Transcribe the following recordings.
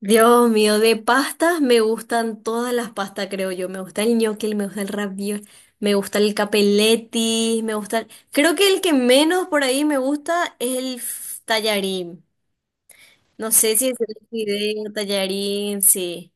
Dios mío, de pastas me gustan todas las pastas, creo yo. Me gusta el ñoquel, me gusta el ravioli, me gusta el capelletti, me gusta. Creo que el que menos por ahí me gusta es el tallarín. No sé si es el fideo, tallarín, sí.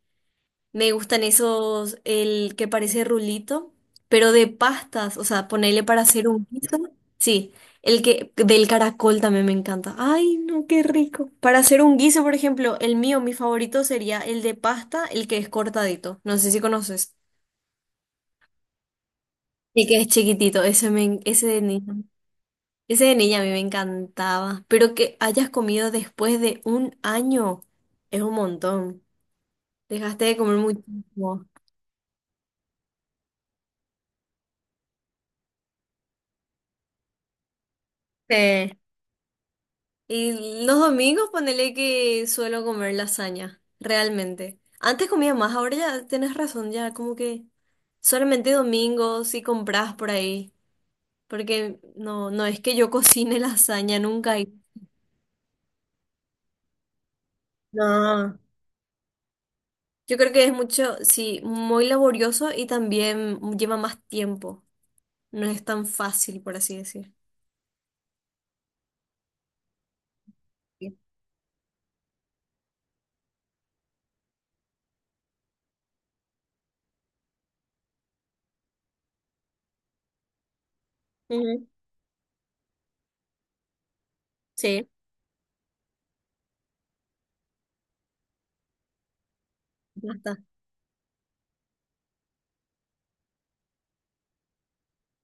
Me gustan esos, el que parece rulito, pero de pastas, o sea, ponerle para hacer un guiso. Sí, el que del caracol también me encanta. Ay, no, qué rico. Para hacer un guiso, por ejemplo, el mío, mi favorito sería el de pasta, el que es cortadito. No sé si conoces. El que es chiquitito, ese de niña. Ese de niña a mí me encantaba, pero que hayas comido después de un año es un montón. Dejaste de comer muchísimo. Sí. Y los domingos ponele que suelo comer lasaña, realmente. Antes comía más, ahora ya tienes razón, ya como que solamente domingos si compras por ahí, porque no, no es que yo cocine lasaña nunca. No. Yo creo que es mucho, sí, muy laborioso y también lleva más tiempo. No es tan fácil, por así decir. Sí. Ujú, sí. Bastante.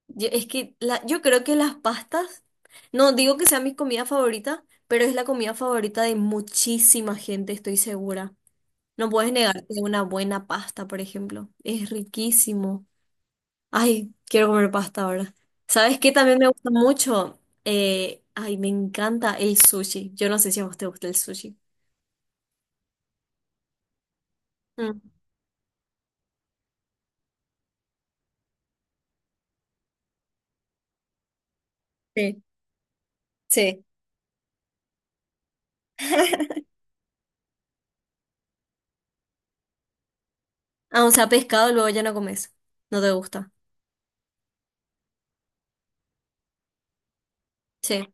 Es que la, yo creo que las pastas, no digo que sea mi comida favorita, pero es la comida favorita de muchísima gente, estoy segura. No puedes negarte una buena pasta, por ejemplo. Es riquísimo. Ay, quiero comer pasta ahora. ¿Sabes qué? También me gusta mucho. Ay, me encanta el sushi. Yo no sé si a vos te gusta el sushi. Mm, sí, sí. Ah, o sea, pescado luego ya no comes. No te gusta. Sí,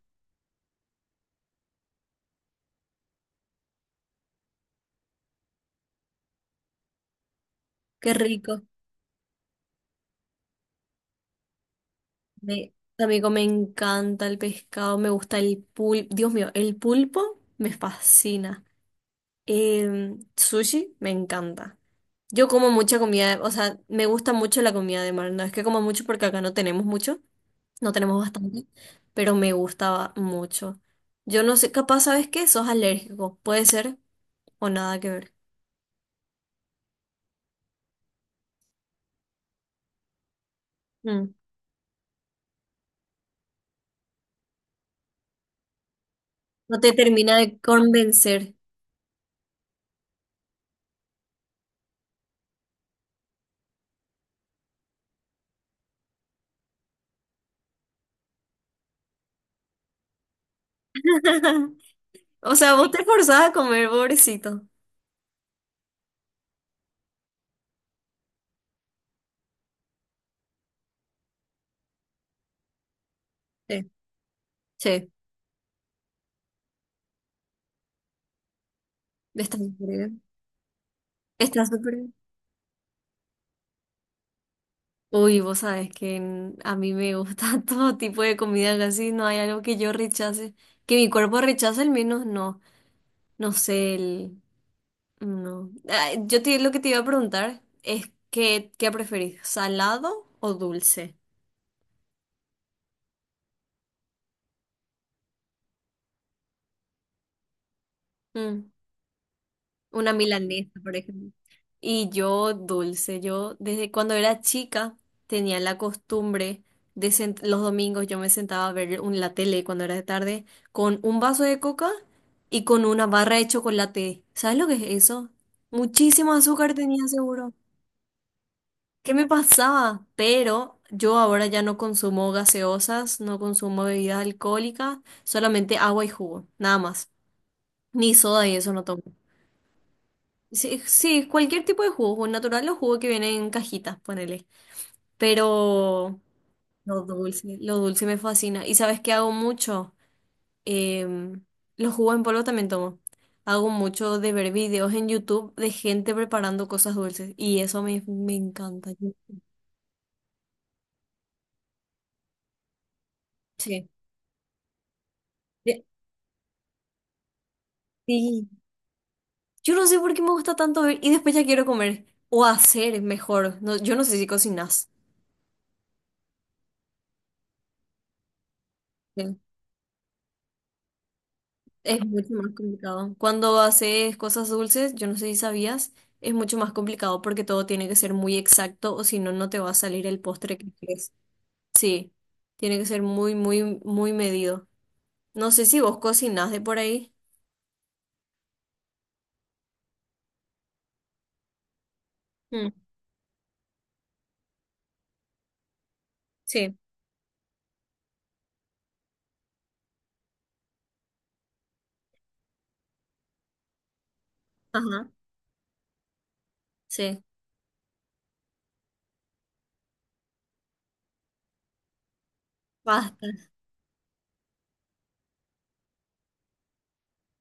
qué rico. También me encanta el pescado, me gusta el pulpo. Dios mío, el pulpo me fascina. Sushi me encanta. Yo como mucha comida, o sea, me gusta mucho la comida de mar. No es que como mucho porque acá no tenemos mucho, no tenemos bastante, pero me gustaba mucho. Yo no sé, capaz, ¿sabes qué? Sos alérgico, puede ser o nada que ver. Mm, No te termina de convencer. O sea, vos te forzás a comer, pobrecito. Sí, sí, está bien. Está súper. Uy, vos sabes que a mí me gusta todo tipo de comida, casi no hay algo que yo rechace. Que mi cuerpo rechace, al menos no. No sé, el. No. Ah, lo que te iba a preguntar es: ¿qué preferís? ¿Salado o dulce? Mm. Una milanesa, por ejemplo. Y yo dulce, yo desde cuando era chica tenía la costumbre los domingos yo me sentaba a ver la tele cuando era de tarde con un vaso de coca y con una barra de chocolate. ¿Sabes lo que es eso? Muchísimo azúcar tenía seguro. ¿Qué me pasaba? Pero yo ahora ya no consumo gaseosas, no consumo bebidas alcohólicas, solamente agua y jugo, nada más. Ni soda y eso no tomo. Sí, sí, cualquier tipo de jugo, jugo natural o jugo que viene en cajitas, ponele. Pero lo dulce me fascina. ¿Y sabes qué hago mucho? Em, los jugos en polvo también tomo. Hago mucho de ver videos en YouTube de gente preparando cosas dulces y eso me encanta. Sí. Eh, Sí. Yo no sé por qué me gusta tanto ver y después ya quiero comer o hacer mejor. No, yo no sé si cocinas. Es mucho más complicado. Cuando haces cosas dulces, yo no sé si sabías, es mucho más complicado porque todo tiene que ser muy exacto o si no, no te va a salir el postre que quieres. Sí, tiene que ser muy, muy, muy medido. No sé si vos cocinás de por ahí. Mm, sí, ajá, sí. Basta.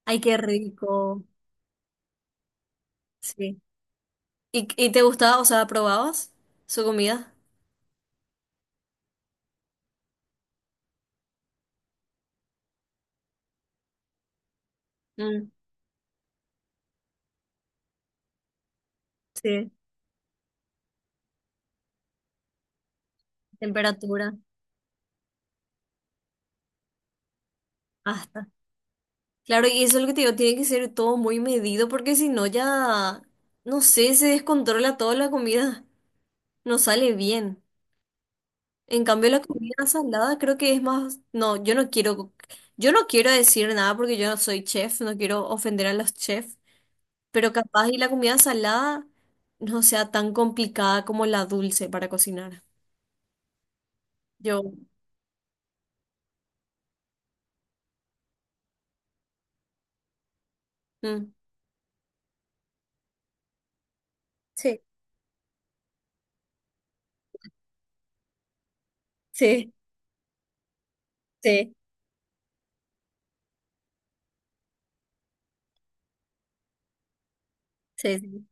Ay, qué rico. Sí. ¿Y te gustaba, o sea, probabas su comida? Mm, sí. Temperatura. Basta. Claro, y eso es lo que te digo, tiene que ser todo muy medido porque si no ya, no sé, se descontrola toda la comida, no sale bien. En cambio la comida salada creo que es más, no, yo no quiero decir nada porque yo no soy chef, no quiero ofender a los chefs, pero capaz y la comida salada no sea tan complicada como la dulce para cocinar. Yo, mm, Sí, sí, sí, sí. Sí.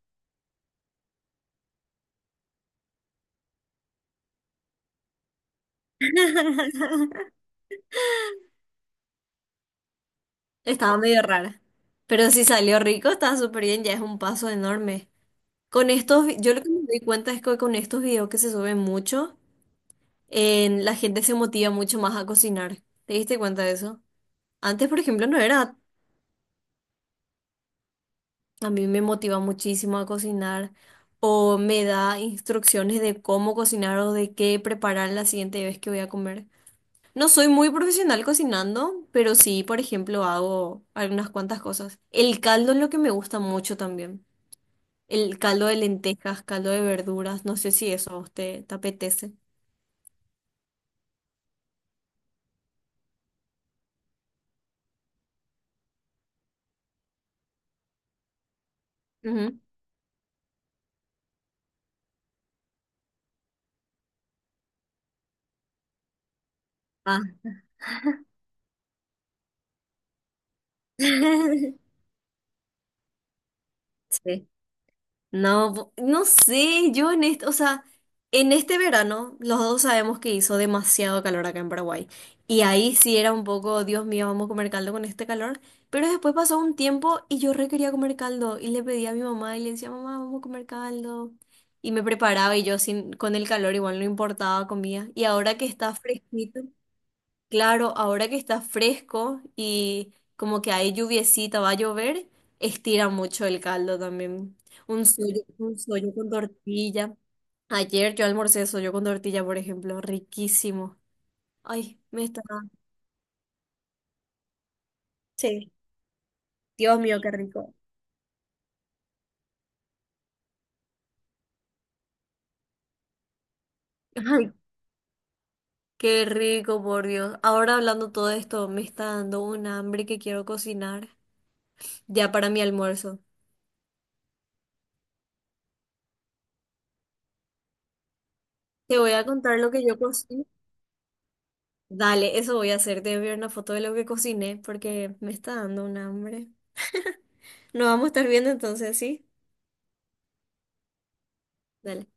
Estaba medio rara. Pero si salió rico, está súper bien, ya es un paso enorme. Con estos, yo lo que me doy cuenta es que con estos videos que se suben mucho, la gente se motiva mucho más a cocinar. ¿Te diste cuenta de eso? Antes, por ejemplo, no era. A mí me motiva muchísimo a cocinar o me da instrucciones de cómo cocinar o de qué preparar la siguiente vez que voy a comer. No soy muy profesional cocinando, pero sí, por ejemplo, hago algunas cuantas cosas. El caldo es lo que me gusta mucho también. El caldo de lentejas, caldo de verduras, no sé si eso a usted te apetece. Ujú. Ah, sí. No, no sé, yo en este, o sea, en este verano los dos sabemos que hizo demasiado calor acá en Paraguay. Y ahí sí era un poco, Dios mío, vamos a comer caldo con este calor. Pero después pasó un tiempo y yo re quería comer caldo. Y le pedí a mi mamá y le decía, mamá, vamos a comer caldo. Y me preparaba y yo sin, con el calor igual no importaba, comía. Y ahora que está fresquito. Claro, ahora que está fresco y como que hay lluviecita, va a llover, estira mucho el caldo también. Un sollo con tortilla. Ayer yo almorcé sollo con tortilla, por ejemplo, riquísimo. Ay, me está. Sí, Dios mío, qué rico. Ay, qué rico, por Dios. Ahora hablando todo esto, me está dando un hambre que quiero cocinar ya para mi almuerzo. Te voy a contar lo que yo cocino. Dale, eso voy a hacer. Te voy a ver una foto de lo que cociné porque me está dando un hambre. Nos vamos a estar viendo entonces, ¿sí? Dale.